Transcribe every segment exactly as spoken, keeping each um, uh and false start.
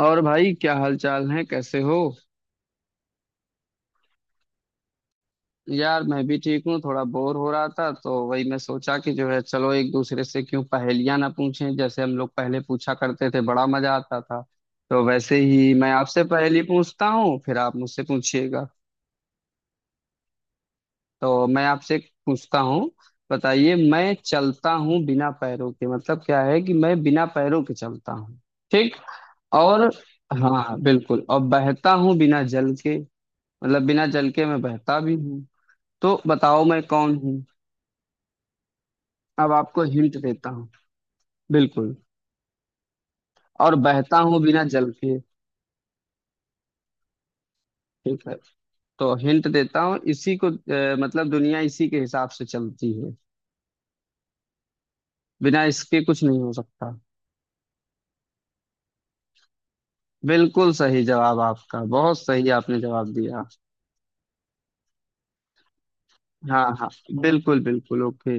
और भाई क्या हाल चाल है, कैसे हो। यार मैं भी ठीक हूँ, थोड़ा बोर हो रहा था तो वही मैं सोचा कि जो है चलो एक दूसरे से क्यों पहेलियां ना पूछें, जैसे हम लोग पहले पूछा करते थे, बड़ा मजा आता था। तो वैसे ही मैं आपसे पहेली पूछता हूँ, फिर आप मुझसे पूछिएगा। तो मैं आपसे एक पूछता हूँ। बताइए, मैं चलता हूँ बिना पैरों के। मतलब क्या है कि मैं बिना पैरों के चलता हूँ। ठीक। और हाँ हाँ, बिल्कुल, और बहता हूँ बिना जल के। मतलब बिना जल के मैं बहता भी हूँ। तो बताओ मैं कौन हूँ। अब आपको हिंट देता हूँ। बिल्कुल। और बहता हूँ बिना जल के। ठीक है, तो हिंट देता हूँ इसी को। अ, मतलब दुनिया इसी के हिसाब से चलती है, बिना इसके कुछ नहीं हो सकता। बिल्कुल सही जवाब आपका, बहुत सही आपने जवाब दिया। हाँ हाँ, बिल्कुल बिल्कुल, ओके।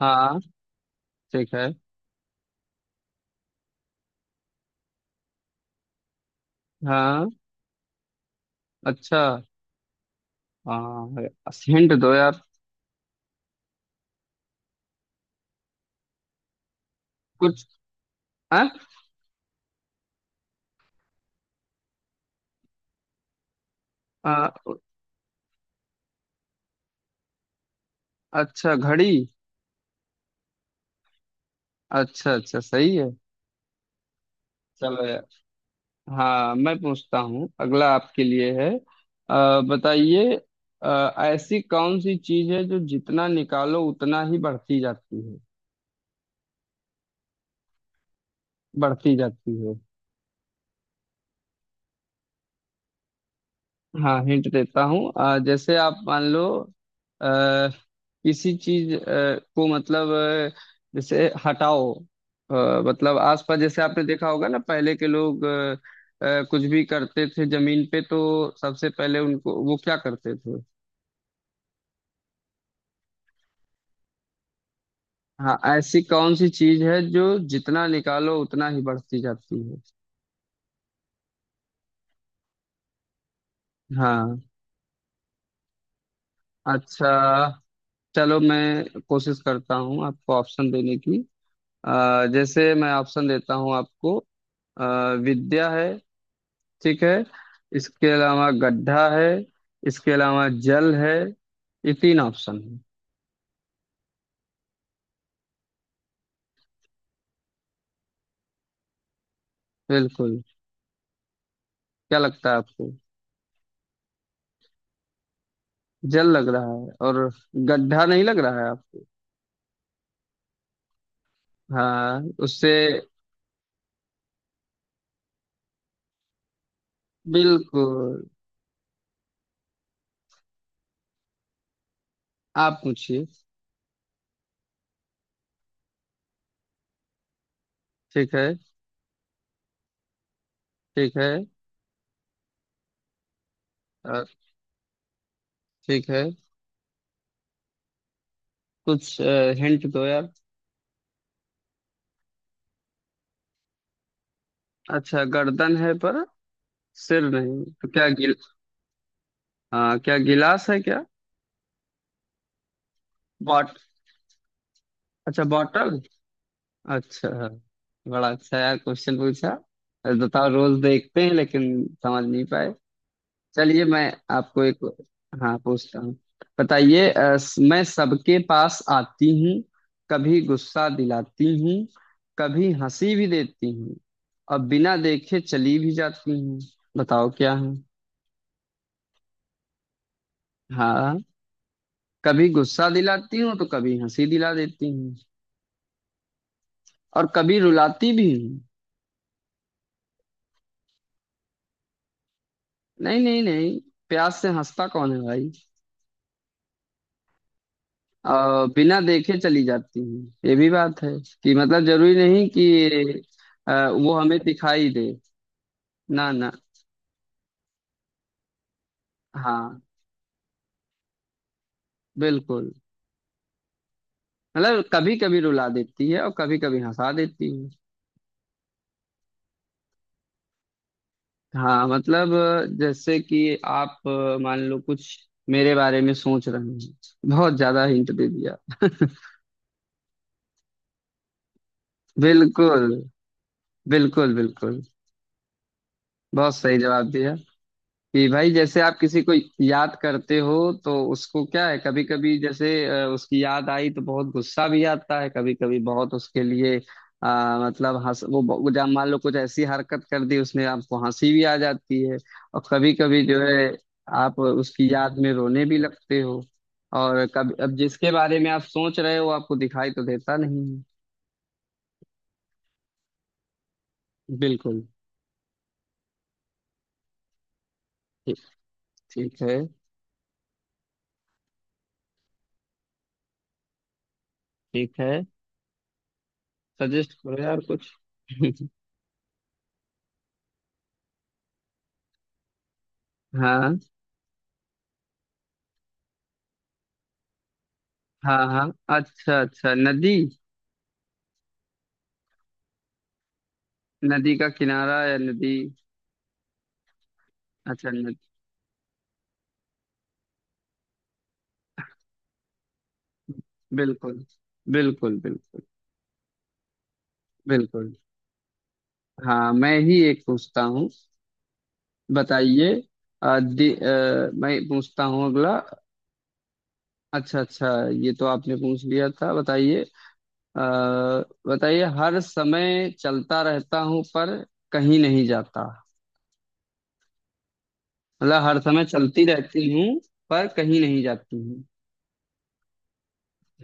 हाँ ठीक है। हाँ। अच्छा। हाँ हिंट दो यार। कुछ। हाँ? अ, अच्छा घड़ी। अच्छा अच्छा, सही है। चलो यार। हाँ, मैं पूछता हूँ, अगला आपके लिए है। अ, बताइए। अ, ऐसी कौन सी चीज है जो जितना निकालो उतना ही बढ़ती जाती है। बढ़ती जाती है। हाँ हिंट देता हूँ। अ, जैसे आप मान लो, अ, किसी चीज अ, को मतलब, अ, जैसे हटाओ। अ, मतलब आसपास, जैसे आपने देखा होगा ना, पहले के लोग अ, अ, कुछ भी करते थे जमीन पे, तो सबसे पहले उनको वो क्या करते थे। हाँ, ऐसी कौन सी चीज है जो जितना निकालो उतना ही बढ़ती जाती है। हाँ। अच्छा। चलो मैं कोशिश करता हूँ आपको ऑप्शन देने की। अ, जैसे मैं ऑप्शन देता हूँ आपको। अ, विद्या है, ठीक है। इसके अलावा गड्ढा है। इसके अलावा जल है। ये तीन ऑप्शन है। बिल्कुल। क्या लगता है आपको। जल लग रहा है, और गड्ढा नहीं लग रहा है आप। हाँ उससे। बिल्कुल। आप पूछिए। ठीक है। ठीक है। अ, ठीक है। कुछ। हिंट दो यार। अच्छा गर्दन है पर सिर नहीं, तो क्या गिल हाँ, क्या गिलास है क्या। बॉट अच्छा बॉटल। अच्छा। बड़ा अच्छा यार क्वेश्चन पूछा। बताओ, रोज देखते हैं लेकिन समझ नहीं पाए। चलिए मैं आपको एक। हाँ पूछता हूँ। बताइए, अ, मैं सबके पास आती हूँ। कभी गुस्सा दिलाती हूँ, कभी हंसी भी देती हूँ, और बिना देखे चली भी जाती हूँ। बताओ क्या हूँ। हाँ, कभी गुस्सा दिलाती हूँ तो कभी हंसी दिला देती हूँ, और कभी रुलाती भी हूँ। नहीं नहीं नहीं, प्यास से हंसता कौन है भाई। अ, बिना देखे चली जाती हैं, ये भी बात है कि मतलब जरूरी नहीं कि अ, वो हमें दिखाई दे। ना ना। हाँ। बिल्कुल। मतलब कभी कभी रुला देती है और कभी कभी हंसा देती है। हाँ मतलब, अ, जैसे कि आप, अ, मान लो कुछ मेरे बारे में सोच रहे हैं। बहुत ज्यादा हिंट दे दिया बिल्कुल। बिल्कुल बिल्कुल। बहुत सही जवाब दिया कि भाई, जैसे आप किसी को याद करते हो तो उसको क्या है, कभी कभी जैसे अ, उसकी याद आई तो बहुत गुस्सा भी आता है, कभी कभी बहुत उसके लिए आ, मतलब हंस वो वो जब मान लो कुछ ऐसी हरकत कर दी उसने, आपको हंसी भी आ जाती है। और कभी कभी जो है आप उसकी याद में रोने भी लगते हो। और कभी, अब जिसके बारे में आप सोच रहे हो आपको दिखाई तो देता नहीं है। बिल्कुल। ठीक। ठीक है। ठीक है। सजेस्ट करो यार कुछ। हाँ हाँ। हाँ अच्छा अच्छा नदी। नदी का किनारा या नदी। अच्छा नदी। बिल्कुल। बिल्कुल बिल्कुल। बिल्कुल। हाँ मैं ही एक पूछता हूँ। बताइए। अ, दि- अ, मैं पूछता हूँ अगला। अच्छा अच्छा, ये तो आपने पूछ लिया था। बताइए। अ, बताइए हर समय चलता रहता हूँ पर कहीं नहीं जाता। मतलब हर समय चलती रहती हूँ पर कहीं नहीं जाती।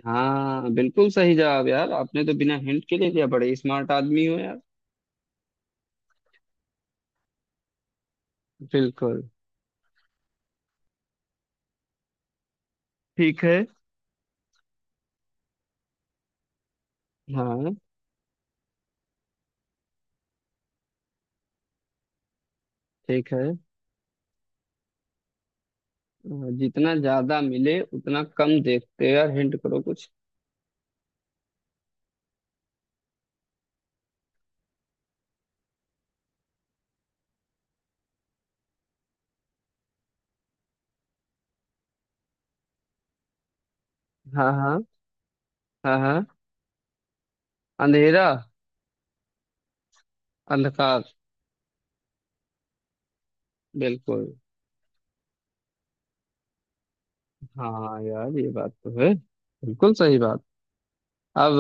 हाँ बिल्कुल सही जवाब यार, आपने तो बिना हिंट के ले लिया, बड़े स्मार्ट आदमी हो यार। बिल्कुल। ठीक है। हाँ ठीक है। अ, जितना ज्यादा मिले उतना कम देखते, यार हिंट करो कुछ। हाँ हाँ। हाँ हाँ। अंधेरा। अंधकार। बिल्कुल। हाँ यार ये बात तो है, बिल्कुल सही बात। अब,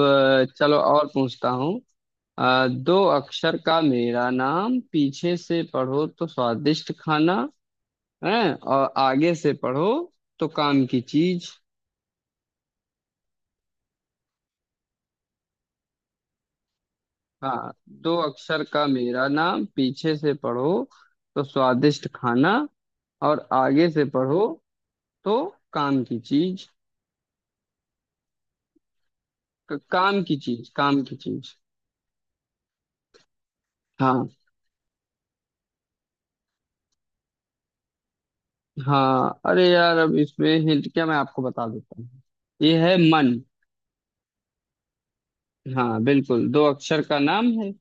अ, चलो और पूछता हूँ। अ, दो अक्षर का मेरा नाम पीछे से पढ़ो तो स्वादिष्ट खाना हैं, और आगे से पढ़ो तो काम की चीज। हाँ, दो अक्षर का मेरा नाम पीछे से पढ़ो तो स्वादिष्ट खाना, और आगे से पढ़ो तो काम की चीज। क- काम की चीज, काम की चीज। हाँ। हाँ अरे यार अब इसमें हिंट क्या, मैं आपको बता देता हूँ। ये है मन। हाँ बिल्कुल, दो अक्षर का नाम है।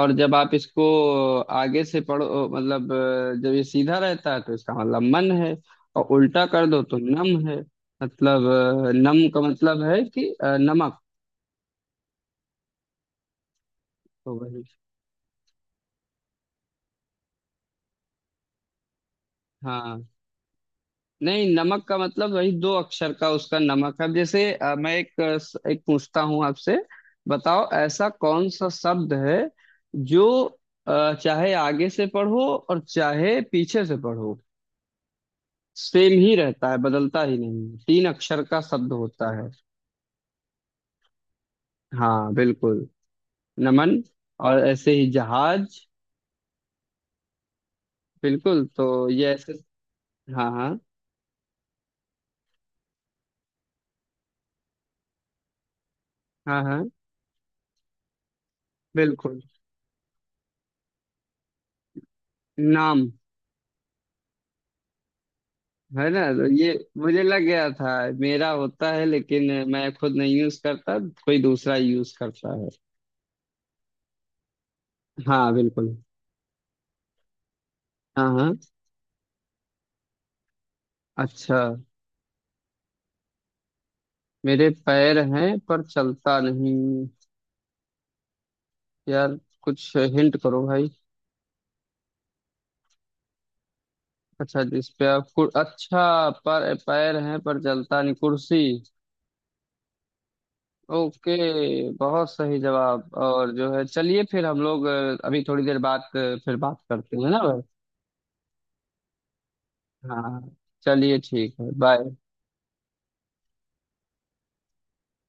और जब आप इसको आगे से पढ़ो, मतलब अ, जब ये सीधा रहता है तो इसका मतलब मन है, और उल्टा कर दो तो नम है। मतलब अ, नम का मतलब है कि अ, नमक। तो वही। हाँ। नहीं नमक का मतलब वही दो अक्षर का उसका, नमक है। अब जैसे अ, मैं एक, अ, एक पूछता हूँ आपसे। बताओ ऐसा कौन सा शब्द है जो अ, चाहे आगे से पढ़ो और चाहे पीछे से पढ़ो सेम ही रहता है, बदलता ही नहीं है। तीन अक्षर का शब्द होता है। हाँ बिल्कुल, नमन। और ऐसे ही जहाज। बिल्कुल, तो ये ऐसे। हाँ हाँ। हाँ। हाँ बिल्कुल, नाम है ना, तो ये मुझे लग गया था। मेरा होता है लेकिन मैं खुद नहीं यूज करता, कोई दूसरा यूज करता है। हाँ बिल्कुल। हाँ हाँ। अच्छा। मेरे पैर हैं पर चलता नहीं। यार कुछ हिंट करो भाई। अच्छा जिस पे आप कु- अच्छा, पर पैर हैं पर चलता नहीं, कुर्सी। ओके, बहुत सही जवाब। और जो है चलिए फिर हम लोग, अ, अभी थोड़ी देर बाद अ, फिर बात करते हैं ना। हाँ। चलिए ठीक है, बाय।